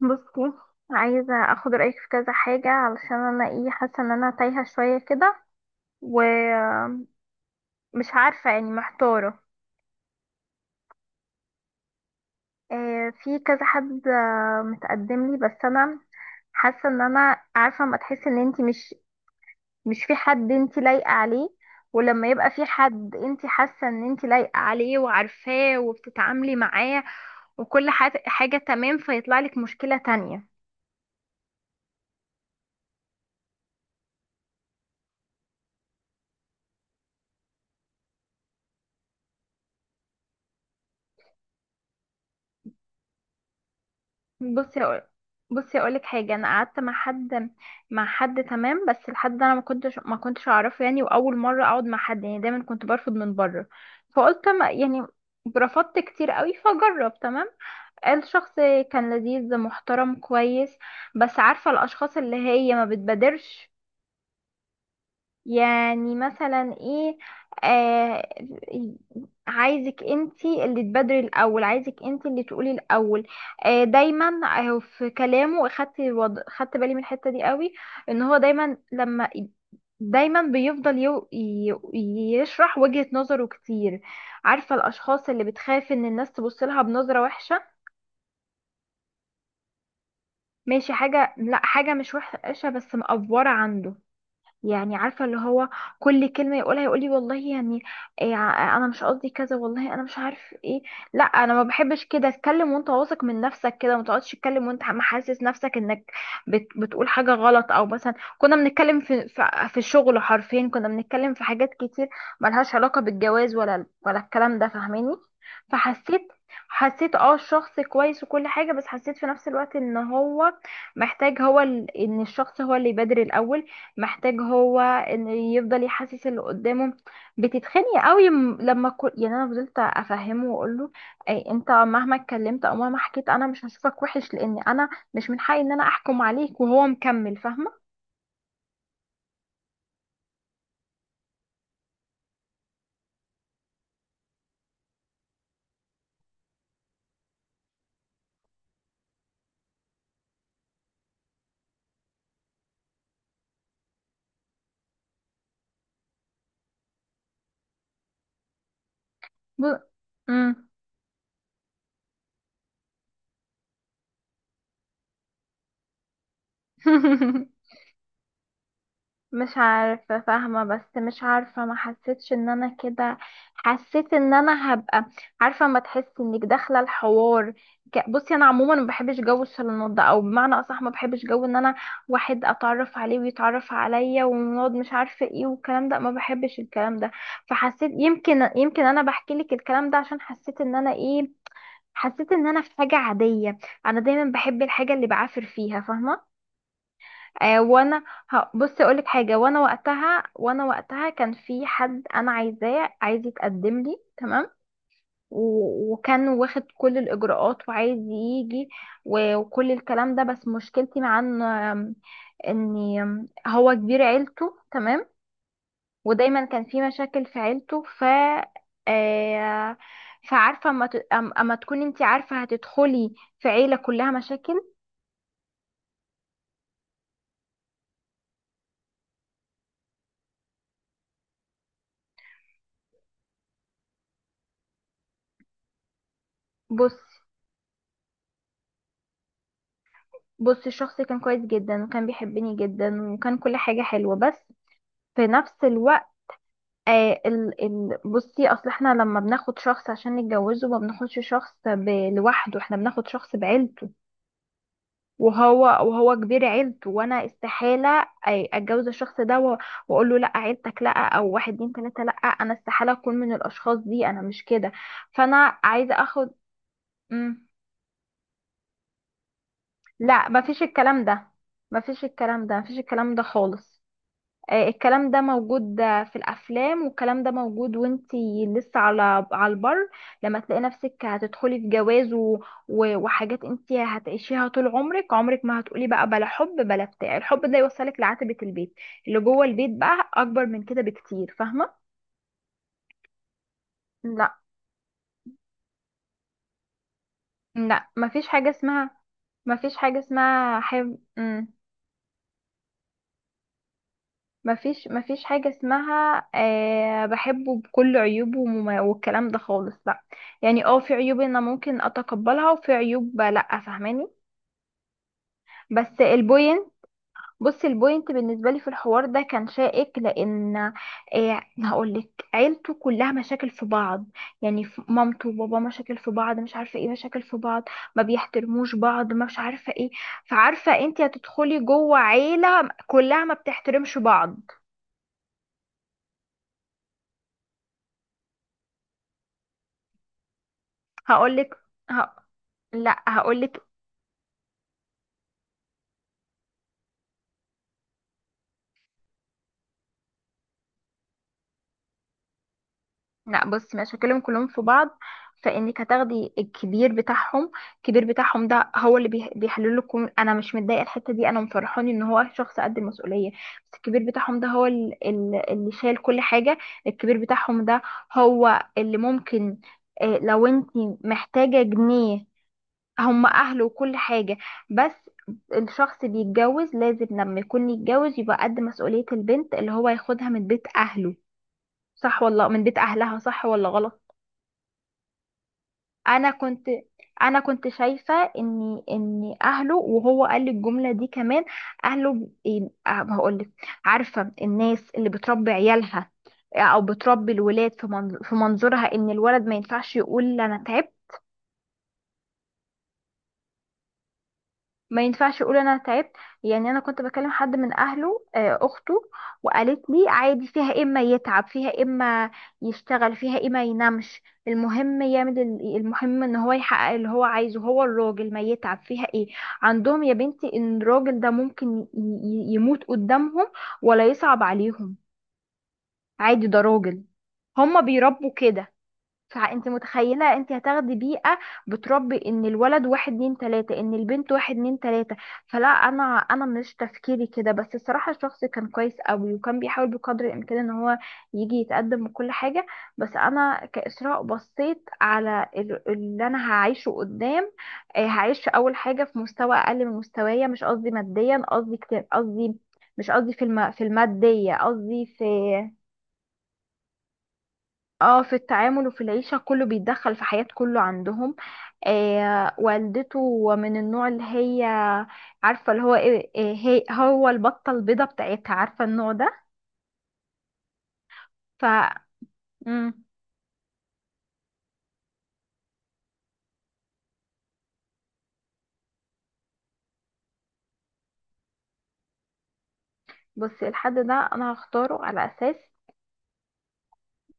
بصي، عايزة اخد رأيك في كذا حاجة علشان انا ايه حاسة ان انا تايهة شوية كده، ومش عارفة، يعني محتارة. في كذا حد متقدم لي، بس انا حاسة ان انا عارفة ما تحس ان انتي مش في حد انتي لايقة عليه. ولما يبقى في حد انتي حاسة ان انتي لايقة عليه وعارفاه وبتتعاملي معاه وكل حاجة تمام، فيطلع لك مشكلة تانية. بصي أقول بصي اقول لك حاجه، انا قعدت مع حد، مع حد تمام، بس الحد ده انا ما كنتش اعرفه، يعني واول مره اقعد مع حد، يعني دايما كنت برفض من بره، فقلت ما يعني رفضت كتير قوي فجرب تمام. الشخص كان لذيذ محترم كويس، بس عارفه الاشخاص اللي هي ما بتبادرش، يعني مثلا ايه، آه عايزك انتي اللي تبادري الاول، عايزك انتي اللي تقولي الاول، آه دايما. في كلامه خدت بالي من الحتة دي قوي، ان هو دايما دايما بيفضل يشرح وجهة نظره كتير. عارفة الاشخاص اللي بتخاف ان الناس تبص لها بنظرة وحشة. ماشي، حاجة مش وحشة بس مقفورة عنده. يعني عارفه اللي هو كل كلمه يقولها يقول لي والله، يعني إيه، انا مش قصدي كذا والله، انا مش عارف ايه. لا انا ما بحبش كده اتكلم وانت واثق من نفسك، كده ما تقعدش تتكلم وانت عم حاسس نفسك انك بتقول حاجه غلط، او مثلا كنا بنتكلم في الشغل، حرفيا كنا بنتكلم في حاجات كتير ملهاش علاقه بالجواز ولا الكلام ده، فاهماني؟ فحسيت حسيت اه الشخص كويس وكل حاجة، بس حسيت في نفس الوقت ان هو محتاج، هو ان الشخص هو اللي يبادر الاول، محتاج هو ان يفضل يحسس اللي قدامه، بتتخني قوي، يعني انا فضلت افهمه واقول له، اي انت مهما اتكلمت او مهما حكيت انا مش هشوفك وحش، لان انا مش من حقي ان انا احكم عليك، وهو مكمل فاهمه. ب... مم. مش عارفة، فاهمة بس مش عارفة، ما حسيتش ان انا كده، حسيت ان انا هبقى، عارفة ما تحس انك داخلة الحوار. بصي انا عموما ما بحبش جو الشالونات ده، او بمعنى اصح ما بحبش جو ان انا واحد اتعرف عليه ويتعرف عليا ونقعد مش عارفة ايه والكلام ده، ما بحبش الكلام ده. فحسيت، يمكن انا بحكي لك الكلام ده عشان حسيت ان انا ايه، حسيت ان انا في حاجة عادية. انا دايما بحب الحاجة اللي بعافر فيها، فاهمة؟ آه، وانا بصي اقول لك حاجه، وانا وقتها كان في حد انا عايزاه، عايز يتقدم لي تمام، وكان واخد كل الاجراءات وعايز يجي، وكل الكلام ده، بس مشكلتي مع ان آم، ان آم، هو كبير عيلته تمام، ودايما كان في مشاكل في عيلته، ف آه، فعارفه، أما تكوني انت عارفه هتدخلي في عيله كلها مشاكل. بص بص الشخص كان كويس جدا وكان بيحبني جدا وكان كل حاجة حلوة، بس في نفس الوقت، آه ال ال بصي اصل احنا لما بناخد شخص عشان نتجوزه ما بناخدش شخص لوحده، احنا بناخد شخص بعيلته. وهو كبير عيلته، وانا استحالة اتجوز الشخص ده، واقول له لا عيلتك، لا، او واحد اتنين تلاتة، لا انا استحالة اكون من الاشخاص دي، انا مش كده. فانا عايزة اخد. مم. لا، مفيش الكلام ده، مفيش الكلام ده، مفيش الكلام ده خالص. الكلام ده موجود في الافلام، والكلام ده موجود، وانتي لسه على البر، لما تلاقي نفسك هتدخلي في جواز وحاجات انتي هتعيشيها طول عمرك، عمرك ما هتقولي بقى بلا حب، بلا بتاع، الحب ده يوصلك لعتبة البيت، اللي جوه البيت بقى اكبر من كده بكتير، فاهمة؟ لا، لا، مفيش حاجة اسمها حب. مفيش حاجة اسمها، أه بحبه بكل عيوبه والكلام ده خالص، لا. يعني اه في عيوب انا ممكن اتقبلها، وفي عيوب لا، فاهماني؟ بس البوينت بص البوينت بالنسبة لي في الحوار ده كان شائك، لان أه هقولك عيلته كلها مشاكل في بعض، يعني مامته وبابا مشاكل في بعض، مش عارفة ايه، مشاكل في بعض، ما بيحترموش بعض، ما مش عارفة ايه. فعارفة انت هتدخلي جوه عيلة كلها ما بتحترمش بعض. هقولك ه... لا، هقولك، لا بصي مش هكلم كلهم في بعض، فانك هتاخدي الكبير بتاعهم، الكبير بتاعهم ده هو اللي بيحلله كل، انا مش متضايقه الحته دي، انا مفرحاني ان هو شخص قد المسؤوليه. بس الكبير بتاعهم ده هو اللي شايل كل حاجه. الكبير بتاعهم ده هو اللي ممكن، لو انت محتاجه جنيه، هم اهله وكل حاجة. بس الشخص بيتجوز لازم، لما يكون يتجوز يبقى قد مسؤولية البنت اللي هو ياخدها من بيت اهله، صح ولا من بيت اهلها، صح ولا غلط؟ انا كنت انا كنت شايفة ان اهله، وهو قال لي الجملة دي كمان، اهله ب- إيه، آه، هقولك، عارفة الناس اللي بتربي عيالها او بتربي الولاد في في منظورها ان الولد ما ينفعش يقول انا تعبت، ما ينفعش اقول انا تعبت. يعني انا كنت بكلم حد من اهله، اخته، وقالت لي عادي، فيها إيه اما يتعب، فيها إيه اما يشتغل، فيها اما ينامش، المهم يعمل المهم ان هو يحقق اللي هو عايزه، هو الراجل ما يتعب فيها ايه؟ عندهم يا بنتي ان الراجل ده ممكن يموت قدامهم ولا يصعب عليهم، عادي، ده راجل، هما بيربوا كده. فانت متخيله انت هتاخدي بيئه بتربي ان الولد واحد اتنين تلاته، ان البنت واحد اتنين تلاته. فلا، انا مش تفكيري كده. بس الصراحه الشخص كان كويس قوي، وكان بيحاول بقدر الامكان ان هو يجي يتقدم وكل حاجه. بس انا كاسراء بصيت على اللي انا هعيشه قدام، هعيش اول حاجه في مستوى اقل من مستوايا، مش قصدي ماديا، قصدي كتير، قصدي مش قصدي في في الماديه، قصدي في، اه، في التعامل وفي العيشة، كله بيتدخل في حياة، كله عندهم. آه، والدته من النوع اللي هي، عارفة اللي هو هي، هو البطة البيضة بتاعتها، عارفة النوع ده. ف مم. بصي الحد ده انا هختاره على اساس،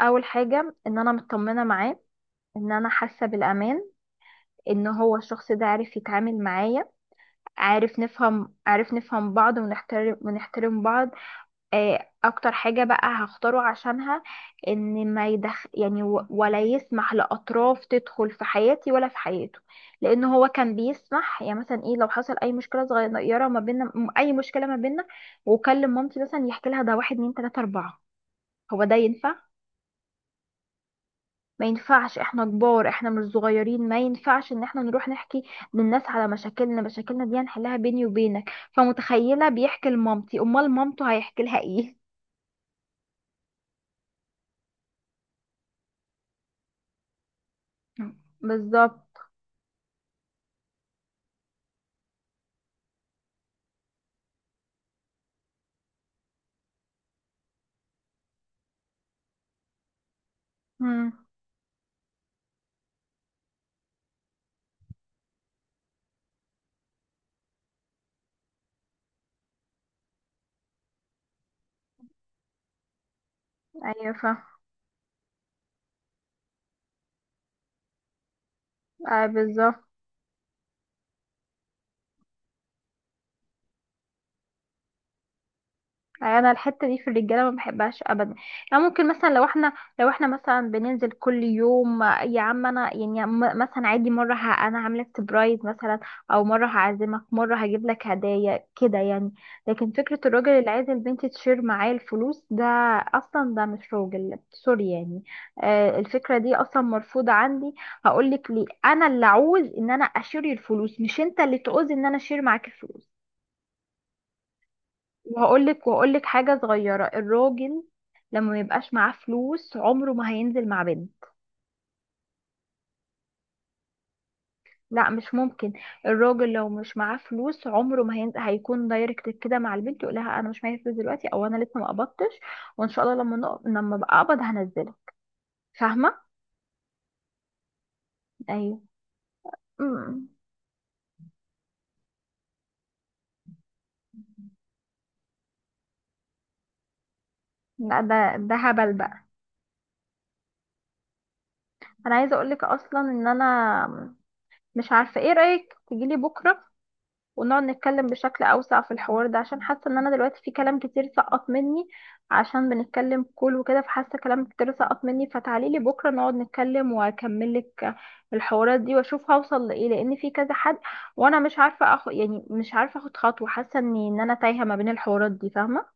اول حاجة ان انا مطمنة معاه، ان انا حاسة بالامان، ان هو الشخص ده عارف يتعامل معايا، عارف نفهم بعض، ونحترم بعض. اكتر حاجة بقى هختاره عشانها، ان ما يدخ يعني و- ولا يسمح لاطراف تدخل في حياتي ولا في حياته، لان هو كان بيسمح، يعني مثلا ايه لو حصل اي مشكلة صغيرة ما بيننا، اي مشكلة ما بيننا، وكلم مامتي مثلا يحكي لها، ده واحد اتنين تلاتة اربعة، هو ده ينفع؟ ما ينفعش، احنا كبار، احنا مش صغيرين، ما ينفعش ان احنا نروح نحكي للناس على مشاكلنا، مشاكلنا دي هنحلها بيني وبينك، فمتخيلة بيحكي لمامتي، امال مامته هيحكي لها ايه؟ بالظبط. مم. ايوه، فاهم، آه، بالظبط. أيوة، انا الحته دي في الرجاله ما بحبهاش ابدا، يعني ممكن مثلا لو احنا مثلا بننزل كل يوم، يا عم انا يعني، مثلا عادي مره، انا عامله سبرايز مثلا، او مره هعزمك، مره هجيب لك هدايا كده يعني. لكن فكره الراجل اللي عايز البنت تشير معاه الفلوس ده، اصلا ده مش راجل، سوري يعني. آه، الفكره دي اصلا مرفوضه عندي، هقول لك ليه، انا اللي عاوز ان انا اشير الفلوس، مش انت اللي تعوز ان انا اشير معاك الفلوس. وهقول لك حاجة صغيرة، الراجل لما ما يبقاش معاه فلوس عمره ما هينزل مع بنت. لا، مش ممكن. الراجل لو مش معاه فلوس عمره ما هينزل، هيكون دايركت كده مع البنت، يقول لها انا مش معايا فلوس دلوقتي، او انا لسه ما قبضتش، وان شاء الله لما لما ابقى اقبض هنزله، فاهمة؟ ايوه. أمم. لا، ده هبل بقى. انا عايزة اقول لك اصلا ان انا مش عارفة، ايه رأيك تجيلي بكرة ونقعد نتكلم بشكل أوسع في الحوار ده، عشان حاسة إن أنا دلوقتي في كلام كتير سقط مني، عشان بنتكلم كل وكده فحاسة كلام كتير سقط مني، فتعاليلي بكرة نقعد نتكلم وأكملك الحوارات دي، وأشوف هوصل لإيه، لأن في كذا حد، وأنا مش عارفة أخد، يعني مش عارفة أخد خطوة، حاسة إن أنا تايهة ما بين الحوارات دي، فاهمة؟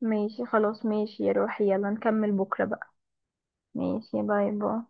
ماشي خلاص، ماشي يا روحي، يلا نكمل بكرة بقى. ماشي، باي باي.